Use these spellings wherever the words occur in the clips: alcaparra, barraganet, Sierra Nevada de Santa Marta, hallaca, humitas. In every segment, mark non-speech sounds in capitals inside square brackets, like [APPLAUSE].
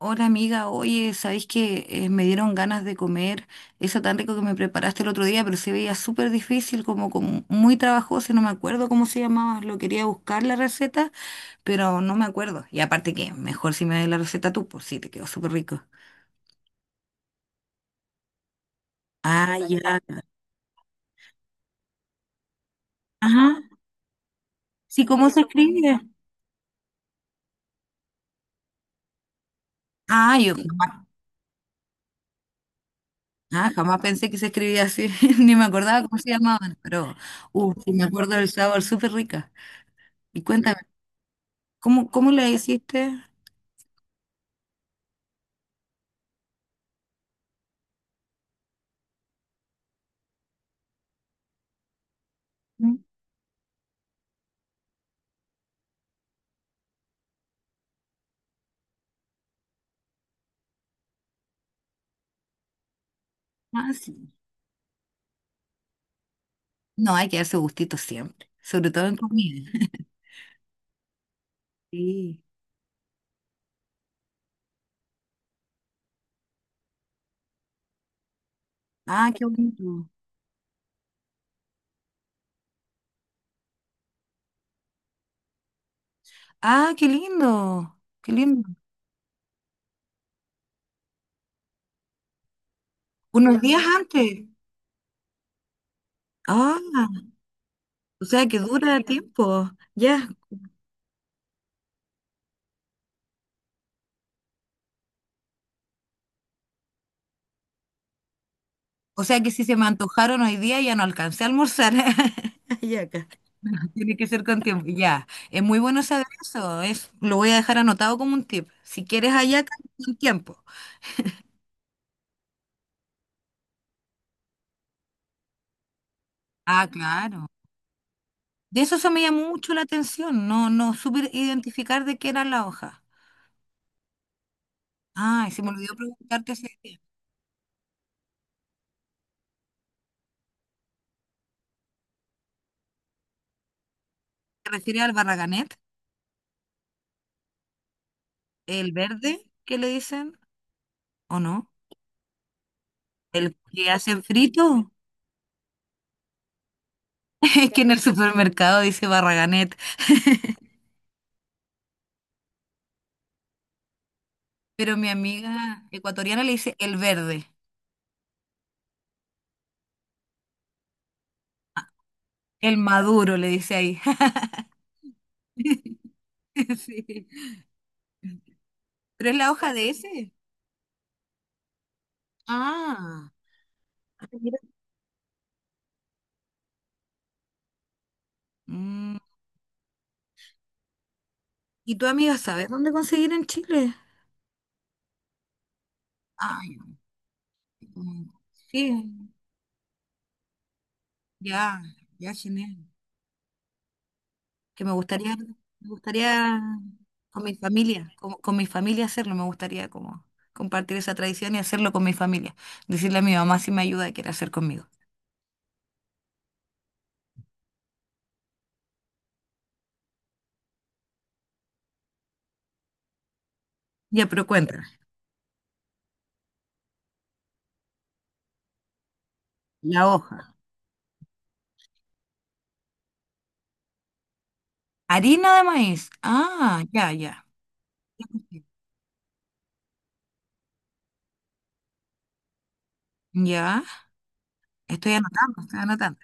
Hola amiga, oye, ¿sabéis que me dieron ganas de comer eso tan rico que me preparaste el otro día, pero se veía súper difícil, como muy trabajoso, no me acuerdo cómo se llamaba, lo quería buscar la receta, pero no me acuerdo. Y aparte que mejor si me das la receta tú, pues sí, te quedó súper rico. Ah, ya. Ajá. Sí, ¿cómo se escribe? Ah, yo jamás, ah, jamás pensé que se escribía así, [LAUGHS] ni me acordaba cómo se llamaban, pero sí me acuerdo del sabor, súper rica. Y cuéntame, ¿cómo la hiciste? Mm. Ah, sí. No, hay que darse gustitos siempre, sobre todo en comida. [LAUGHS] Sí. Ah, qué bonito. Ah, qué lindo, qué lindo. Unos días antes. Ah, o sea que dura tiempo. Ya. O sea que si se me antojaron hoy día ya no alcancé a almorzar. [LAUGHS] Ya acá. Tiene que ser con tiempo. Ya. Es muy bueno saber eso. Es, lo voy a dejar anotado como un tip. Si quieres hallaca, con tiempo. Ah, claro. De eso se me llamó mucho la atención. No supe identificar de qué era la hoja. Ah, se me olvidó preguntarte si te refieres al barraganet, el verde que le dicen, ¿o no? ¿El que hacen frito? [LAUGHS] Es que en el supermercado dice barraganet. [LAUGHS] Pero mi amiga ecuatoriana le dice el verde, el maduro le dice ahí. [LAUGHS] Sí. ¿Pero es la hoja de ese? Ah, mira. Mm, ¿y tu amiga sabes dónde conseguir en Chile? Ay, mm, sí, ya, ya, Chiné. Que me gustaría con mi familia, con mi familia hacerlo, me gustaría como compartir esa tradición y hacerlo con mi familia. Decirle a mi mamá si me ayuda, que quiere hacer conmigo. Ya, pero cuéntame, la hoja. Harina de maíz. Ah, ya, ya. Ya, estoy anotando, estoy anotando.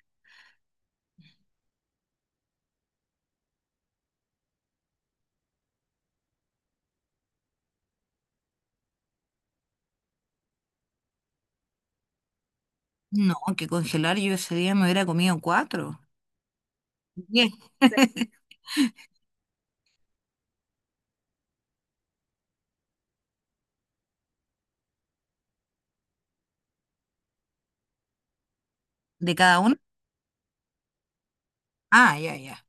No, que congelar yo ese día me hubiera comido cuatro. Diez. [LAUGHS] ¿De cada uno? Ah, ya, ya.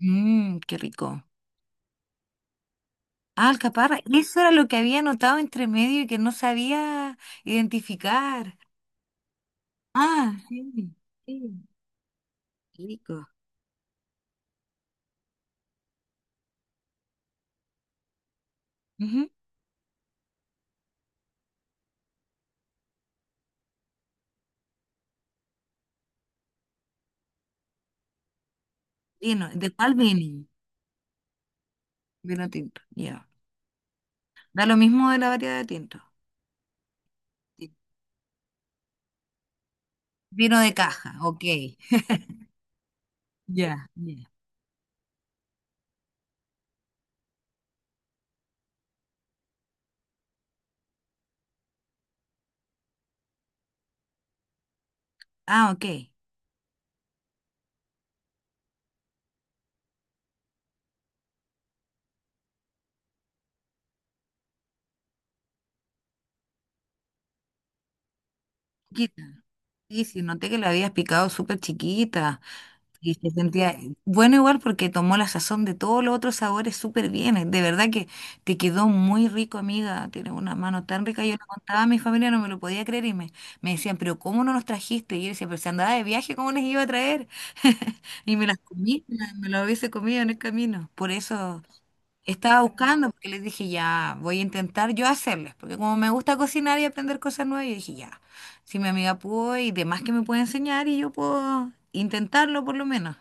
Mmm, qué rico. Ah, alcaparra. Eso era lo que había anotado entre medio y que no sabía identificar. Ah, sí, sí, rico. Ujú. Vino, ¿de cuál vino? Vino tinto, ya. Da lo mismo de la variedad de tinto. Sí. Vino de caja, ok. Ya, ya. Ah, ok. Chiquita. Sí, sí, noté que la habías picado súper chiquita. Y se sentía bueno igual porque tomó la sazón de todos los otros sabores súper bien. De verdad que te quedó muy rico, amiga. Tienes una mano tan rica. Yo le contaba a mi familia, no me lo podía creer y me decían, pero ¿cómo no nos trajiste? Y yo decía, pero si andaba de viaje, ¿cómo les iba a traer? [LAUGHS] Y me las comí, me las hubiese comido en el camino. Por eso estaba buscando, porque les dije, ya, voy a intentar yo hacerles. Porque como me gusta cocinar y aprender cosas nuevas, yo dije, ya, si mi amiga pudo y demás que me puede enseñar y yo puedo intentarlo por lo menos.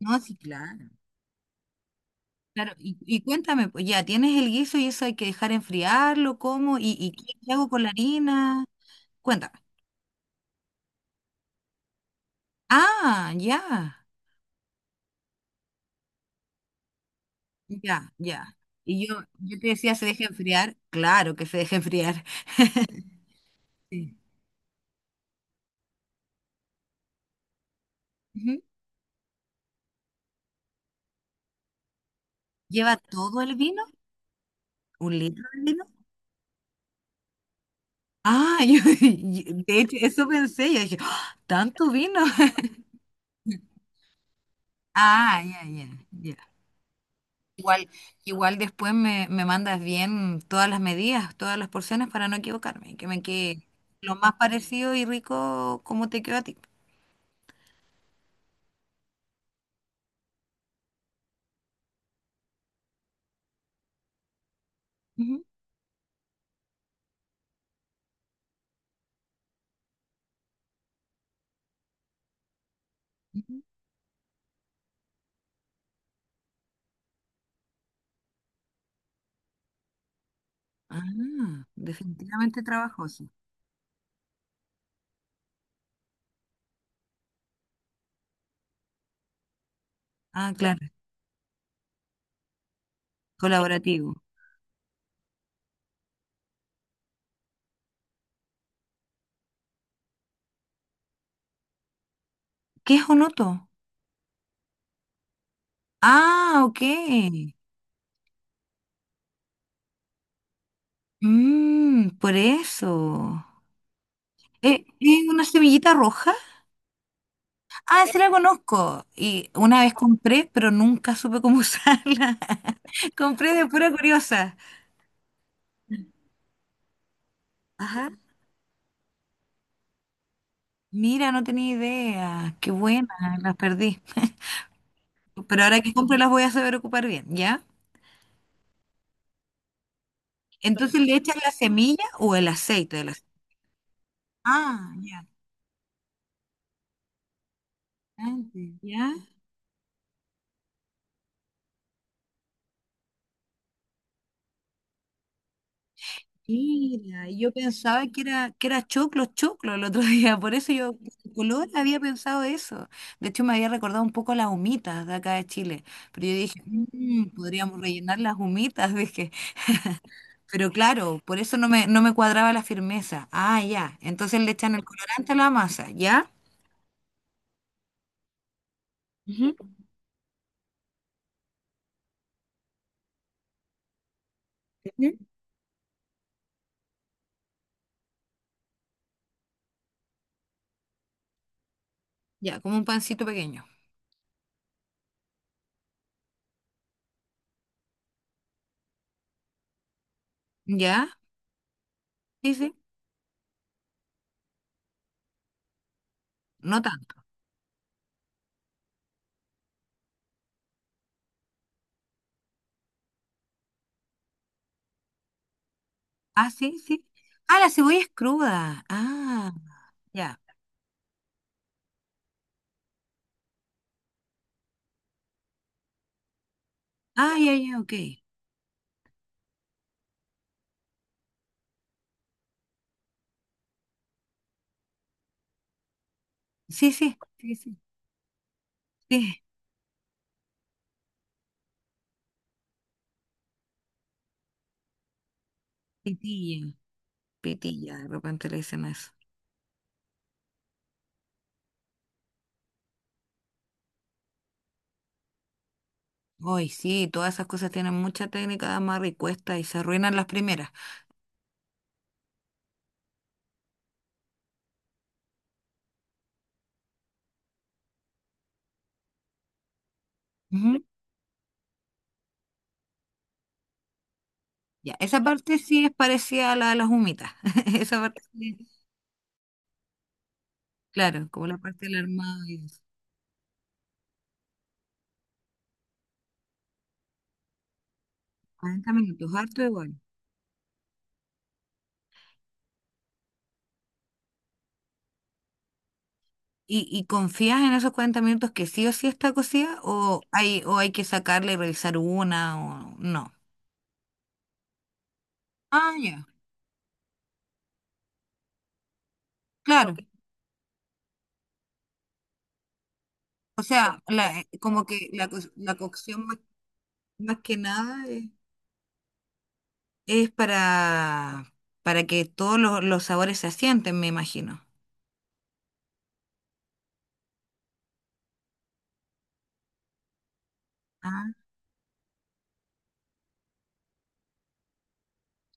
No, sí, claro. Claro, y cuéntame, pues ya tienes el guiso y eso hay que dejar enfriarlo, ¿cómo? ¿Y qué hago con la harina? Cuéntame. Ah, ya, ya, ya. Y yo te decía, ¿se deja enfriar? Claro que se deja enfriar. Sí. Ujú. ¿Lleva todo el vino? ¿Un litro de vino? Ah, [LAUGHS] yo, de hecho, eso pensé, yo dije, ¡ah! ¿Tanto vino? [LAUGHS] Ah, ya, ya, ya. Igual, igual después me mandas bien todas las medidas, todas las porciones para no equivocarme, que me quede lo más parecido y rico como te quedó a ti. Ujú, ujú. Ah, definitivamente trabajoso. Ah, claro, colaborativo. ¿Qué es un otro? Ah, ok. Mm, por eso. ¿Es una semillita roja? Ah, sí la conozco. Y una vez compré, pero nunca supe cómo usarla. [LAUGHS] Compré de pura curiosa. Ajá. Mira, no tenía idea. Qué buena, las perdí. Pero ahora que compre las voy a saber ocupar bien, ¿ya? Entonces le echan la semilla o el aceite de la semilla. Ah, ya. Antes, ¿ya? Mira, yo pensaba que era choclo, choclo el otro [LAUGHS] día. Por eso yo, por el color, había pensado eso. De hecho, me había recordado un poco las humitas de acá de Chile. Pero yo dije, "Mm, podríamos rellenar las humitas", [LAUGHS] dije. Pero claro, por eso no me cuadraba la firmeza. Ah, ya. Entonces le echan el colorante a la masa, ¿ya? Ujú. Ujú. Ya, como un pancito pequeño. ¿Ya? Sí, sí. No tanto. Ah, sí, sí. Ah, la cebolla es cruda. Ah, ya. Ah, ya, ya, ok. Sí, sí. Sí, sí. Sí. Pitilla. Pitilla, de repente le dicen eso. Hoy sí, todas esas cosas tienen mucha técnica de amarre y cuesta y se arruinan las primeras. Ujú. Ya, esa parte sí es parecida a la de las humitas. [LAUGHS] Esa parte sí, claro, como la parte del armado y eso. 40 minutos, harto igual. ¿Y confías en esos 40 minutos que sí o sí está cocida? O hay que sacarle y revisar una o no? Ah, ya, ok. Claro. Ok. O sea, la, como que la, la cocción más, más que nada es, es para que todos los sabores se asienten, me imagino.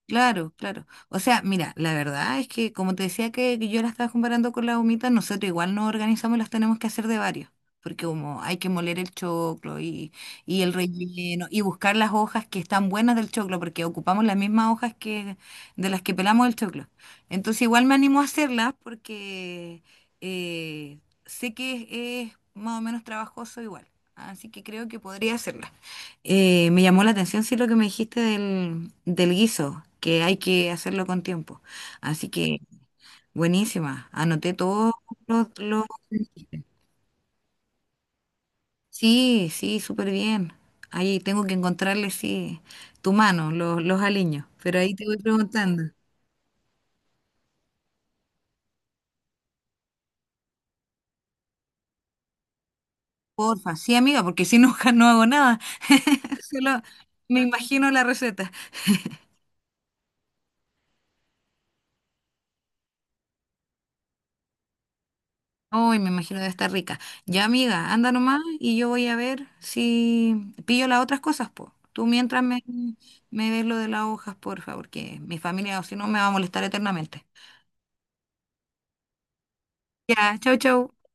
Claro, claro. O sea, mira, la verdad es que como te decía que yo la estaba comparando con la humita, nosotros igual nos organizamos y las tenemos que hacer de varios, porque como hay que moler el choclo y el relleno y buscar las hojas que están buenas del choclo, porque ocupamos las mismas hojas que de las que pelamos el choclo. Entonces igual me animo a hacerlas porque eh, sé que es más o menos trabajoso igual, así que creo que podría hacerlas. Me llamó la atención, sí, lo que me dijiste del guiso, que hay que hacerlo con tiempo. Así que, buenísima. Anoté todos los, sí, sí, súper bien. Ahí tengo que encontrarle, sí, tu mano, los aliños. Pero ahí te voy preguntando. Porfa, sí, amiga, porque si no, [LAUGHS] no hago nada. [LAUGHS] Solo me imagino la receta. Uy, me imagino debe estar rica. Ya, amiga, anda nomás y yo voy a ver si pillo las otras cosas, po. Tú mientras me ves lo de las hojas, por favor, que mi familia, o si no, me va a molestar eternamente. Ya, chau, chau.